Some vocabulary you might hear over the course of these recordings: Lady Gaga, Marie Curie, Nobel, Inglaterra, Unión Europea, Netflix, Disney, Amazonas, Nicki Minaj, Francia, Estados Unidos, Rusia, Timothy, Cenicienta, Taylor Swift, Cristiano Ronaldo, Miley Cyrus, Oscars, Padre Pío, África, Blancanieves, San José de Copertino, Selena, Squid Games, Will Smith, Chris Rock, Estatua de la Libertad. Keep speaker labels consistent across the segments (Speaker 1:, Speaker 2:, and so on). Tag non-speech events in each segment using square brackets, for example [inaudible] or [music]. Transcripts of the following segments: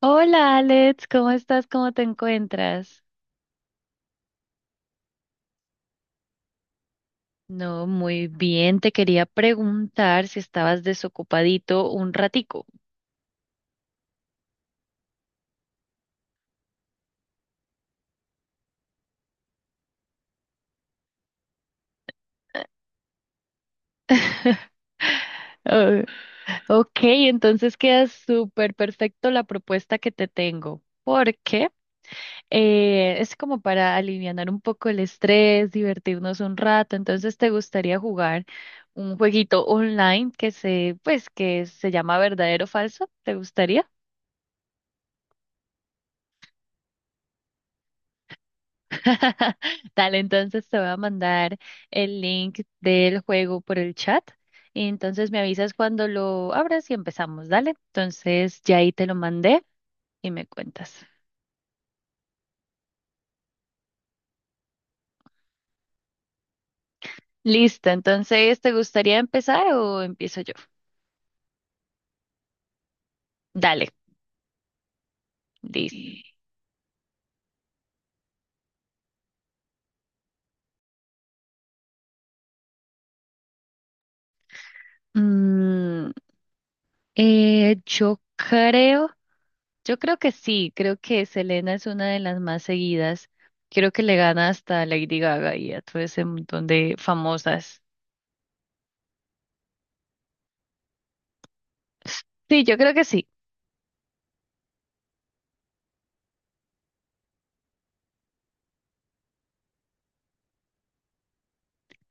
Speaker 1: Hola Alex, ¿cómo estás? ¿Cómo te encuentras? No, muy bien. Te quería preguntar si estabas desocupadito un ratico. [laughs] Oh, ok, entonces queda súper perfecto la propuesta que te tengo, porque es como para alivianar un poco el estrés, divertirnos un rato. Entonces, ¿te gustaría jugar un jueguito online pues, que se llama verdadero o falso? ¿Te gustaría? [laughs] Dale, entonces te voy a mandar el link del juego por el chat y entonces me avisas cuando lo abras y empezamos, dale. Entonces ya ahí te lo mandé y me cuentas. Listo, entonces ¿te gustaría empezar o empiezo yo? Dale, listo. Mm, eh, yo creo, yo creo que sí, creo que Selena es una de las más seguidas. Creo que le gana hasta a Lady Gaga y a todo ese montón de famosas. Sí, yo creo que sí.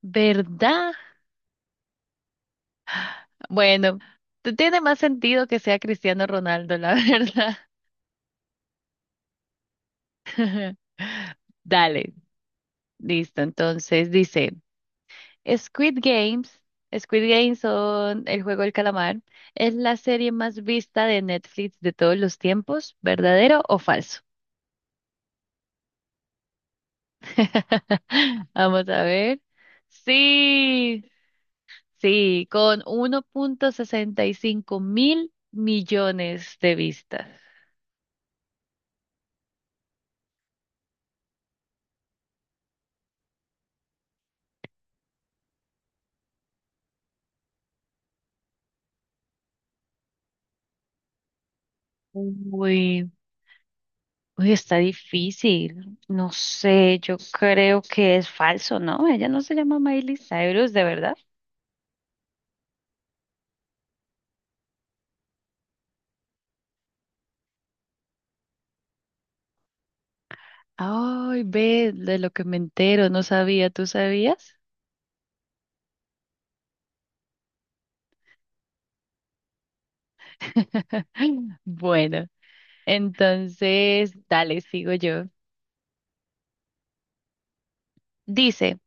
Speaker 1: ¿Verdad? Bueno, tiene más sentido que sea Cristiano Ronaldo, la verdad. [laughs] Dale, listo. Entonces dice, Squid Games, Squid Games son el juego del calamar, es la serie más vista de Netflix de todos los tiempos, ¿verdadero o falso? [laughs] Vamos a ver. Sí, sí, con 1.65 mil millones de vistas. Uy. Uy, está difícil. No sé, yo creo que es falso, ¿no? Ella no se llama Miley Cyrus, ¿de verdad? Ay, ve, de lo que me entero, no sabía, ¿tú sabías? [laughs] Bueno, entonces, dale, sigo yo. Dice,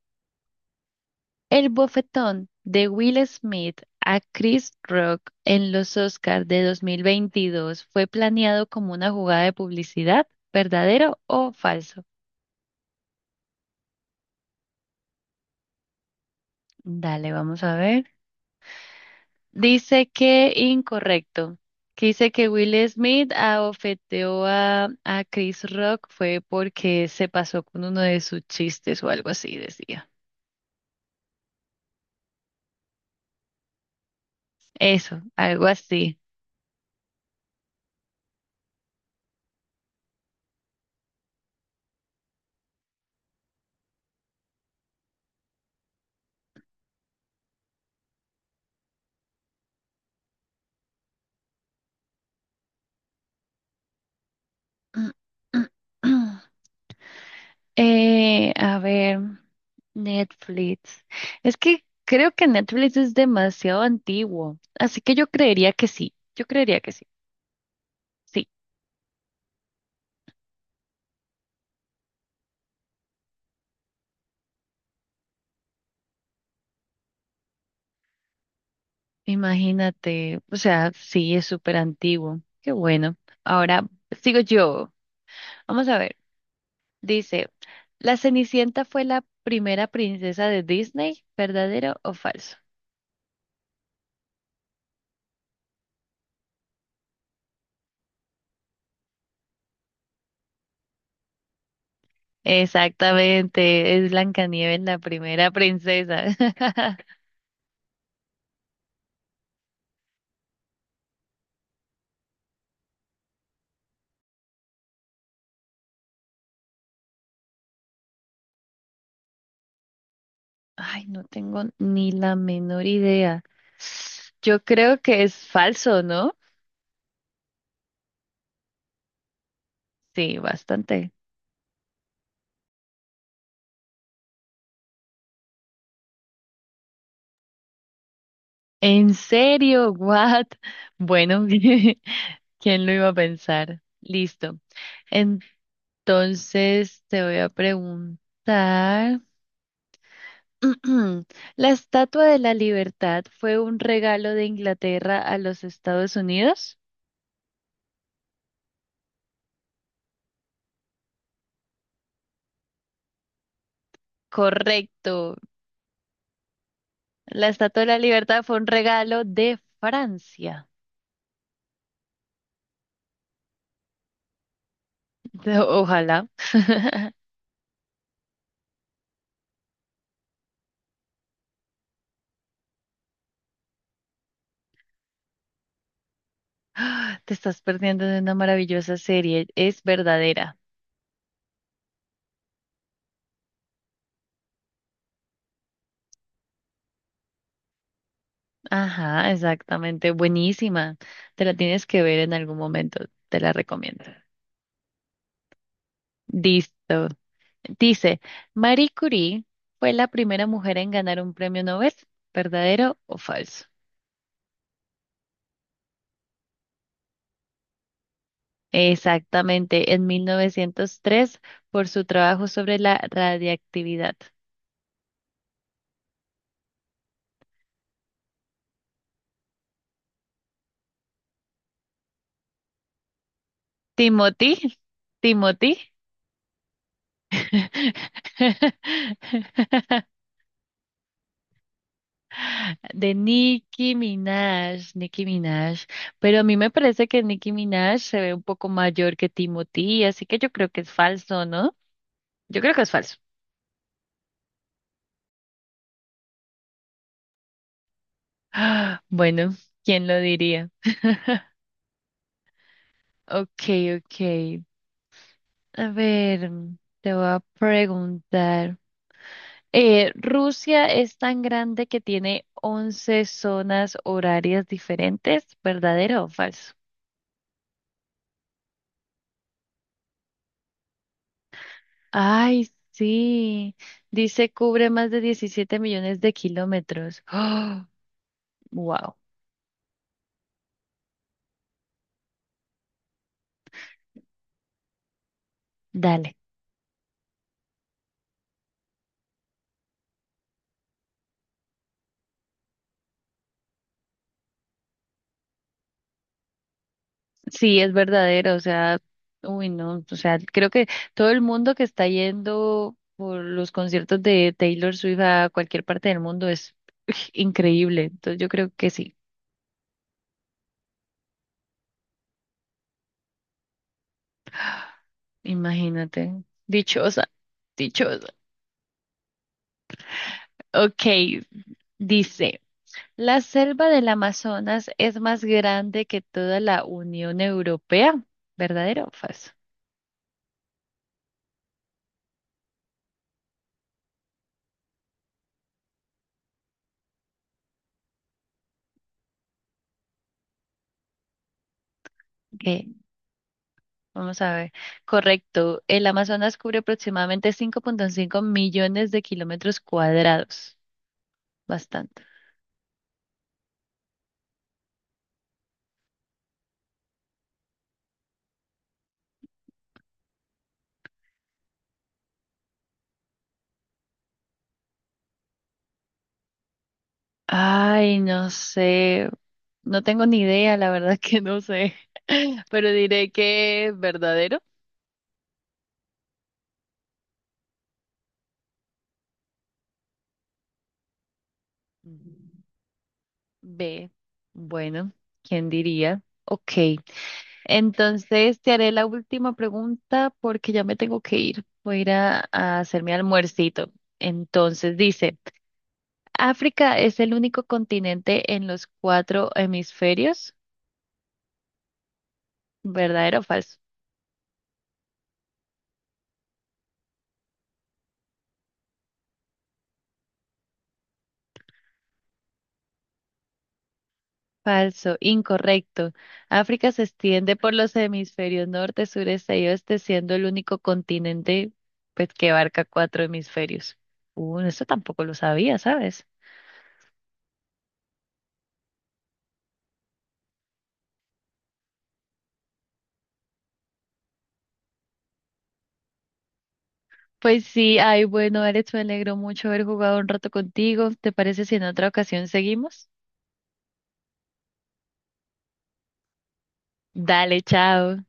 Speaker 1: el bofetón de Will Smith a Chris Rock en los Oscars de 2022 fue planeado como una jugada de publicidad, ¿verdadero o falso? Dale, vamos a ver. Dice que incorrecto. Que dice que Will Smith abofeteó a Chris Rock fue porque se pasó con uno de sus chistes o algo así, decía. Eso, algo así. [clears throat] A ver, Netflix. Es que creo que Netflix es demasiado antiguo, así que yo creería que sí, sí, imagínate, o sea, sí, es súper antiguo, qué bueno. Ahora sigo yo. Vamos a ver. Dice, ¿La Cenicienta fue la primera princesa de Disney? ¿Verdadero o falso? Exactamente, es Blancanieves la primera princesa. [laughs] Ay, no tengo ni la menor idea. Yo creo que es falso, ¿no? Sí, bastante. ¿En serio? ¿What? Bueno, [laughs] ¿quién lo iba a pensar? Listo. Entonces te voy a preguntar. [clears throat] ¿La Estatua de la Libertad fue un regalo de Inglaterra a los Estados Unidos? Correcto. La Estatua de la Libertad fue un regalo de Francia. De- Ojalá. [laughs] Te estás perdiendo de una maravillosa serie. Es verdadera. Ajá, exactamente. Buenísima. Te la tienes que ver en algún momento. Te la recomiendo. Listo. Dice, Marie Curie fue la primera mujer en ganar un premio Nobel, ¿verdadero o falso? Exactamente, en 1903 por su trabajo sobre la radiactividad. Timothy, Timothy, [laughs] de Nicki Minaj, Nicki Minaj. Pero a mí me parece que Nicki Minaj se ve un poco mayor que Timothy, así que yo creo que es falso, ¿no? Yo creo que es falso. [gasps] Ah, bueno, ¿quién lo diría? Ok, ok. A ver, te voy a preguntar. Rusia es tan grande que tiene 11 zonas horarias diferentes, ¿verdadero o falso? Ay, sí. Dice cubre más de 17 millones de kilómetros. [gasps] Wow. Dale. Sí, es verdadero, o sea, uy, no, o sea, creo que todo el mundo que está yendo por los conciertos de Taylor Swift a cualquier parte del mundo es [laughs] increíble, entonces yo creo que sí, imagínate, dichosa, dichosa. Ok, dice, ¿la selva del Amazonas es más grande que toda la Unión Europea? ¿Verdadero o falso? Ok, vamos a ver. Correcto. El Amazonas cubre aproximadamente 5.5 millones de kilómetros cuadrados. Bastante. Ay, no sé. No tengo ni idea, la verdad [laughs] que no sé. [laughs] Pero diré que verdadero. B. Bueno, ¿quién diría? Ok. Entonces te haré la última pregunta porque ya me tengo que ir. Voy a ir a hacer mi almuercito. Entonces dice. África es el único continente en los cuatro hemisferios. ¿Verdadero o falso? Falso, incorrecto. África se extiende por los hemisferios norte, sureste y oeste, siendo el único continente pues, que abarca cuatro hemisferios. Eso tampoco lo sabía, ¿sabes? Pues sí, ay, bueno, Alex, me alegro mucho haber jugado un rato contigo. ¿Te parece si en otra ocasión seguimos? Dale, chao.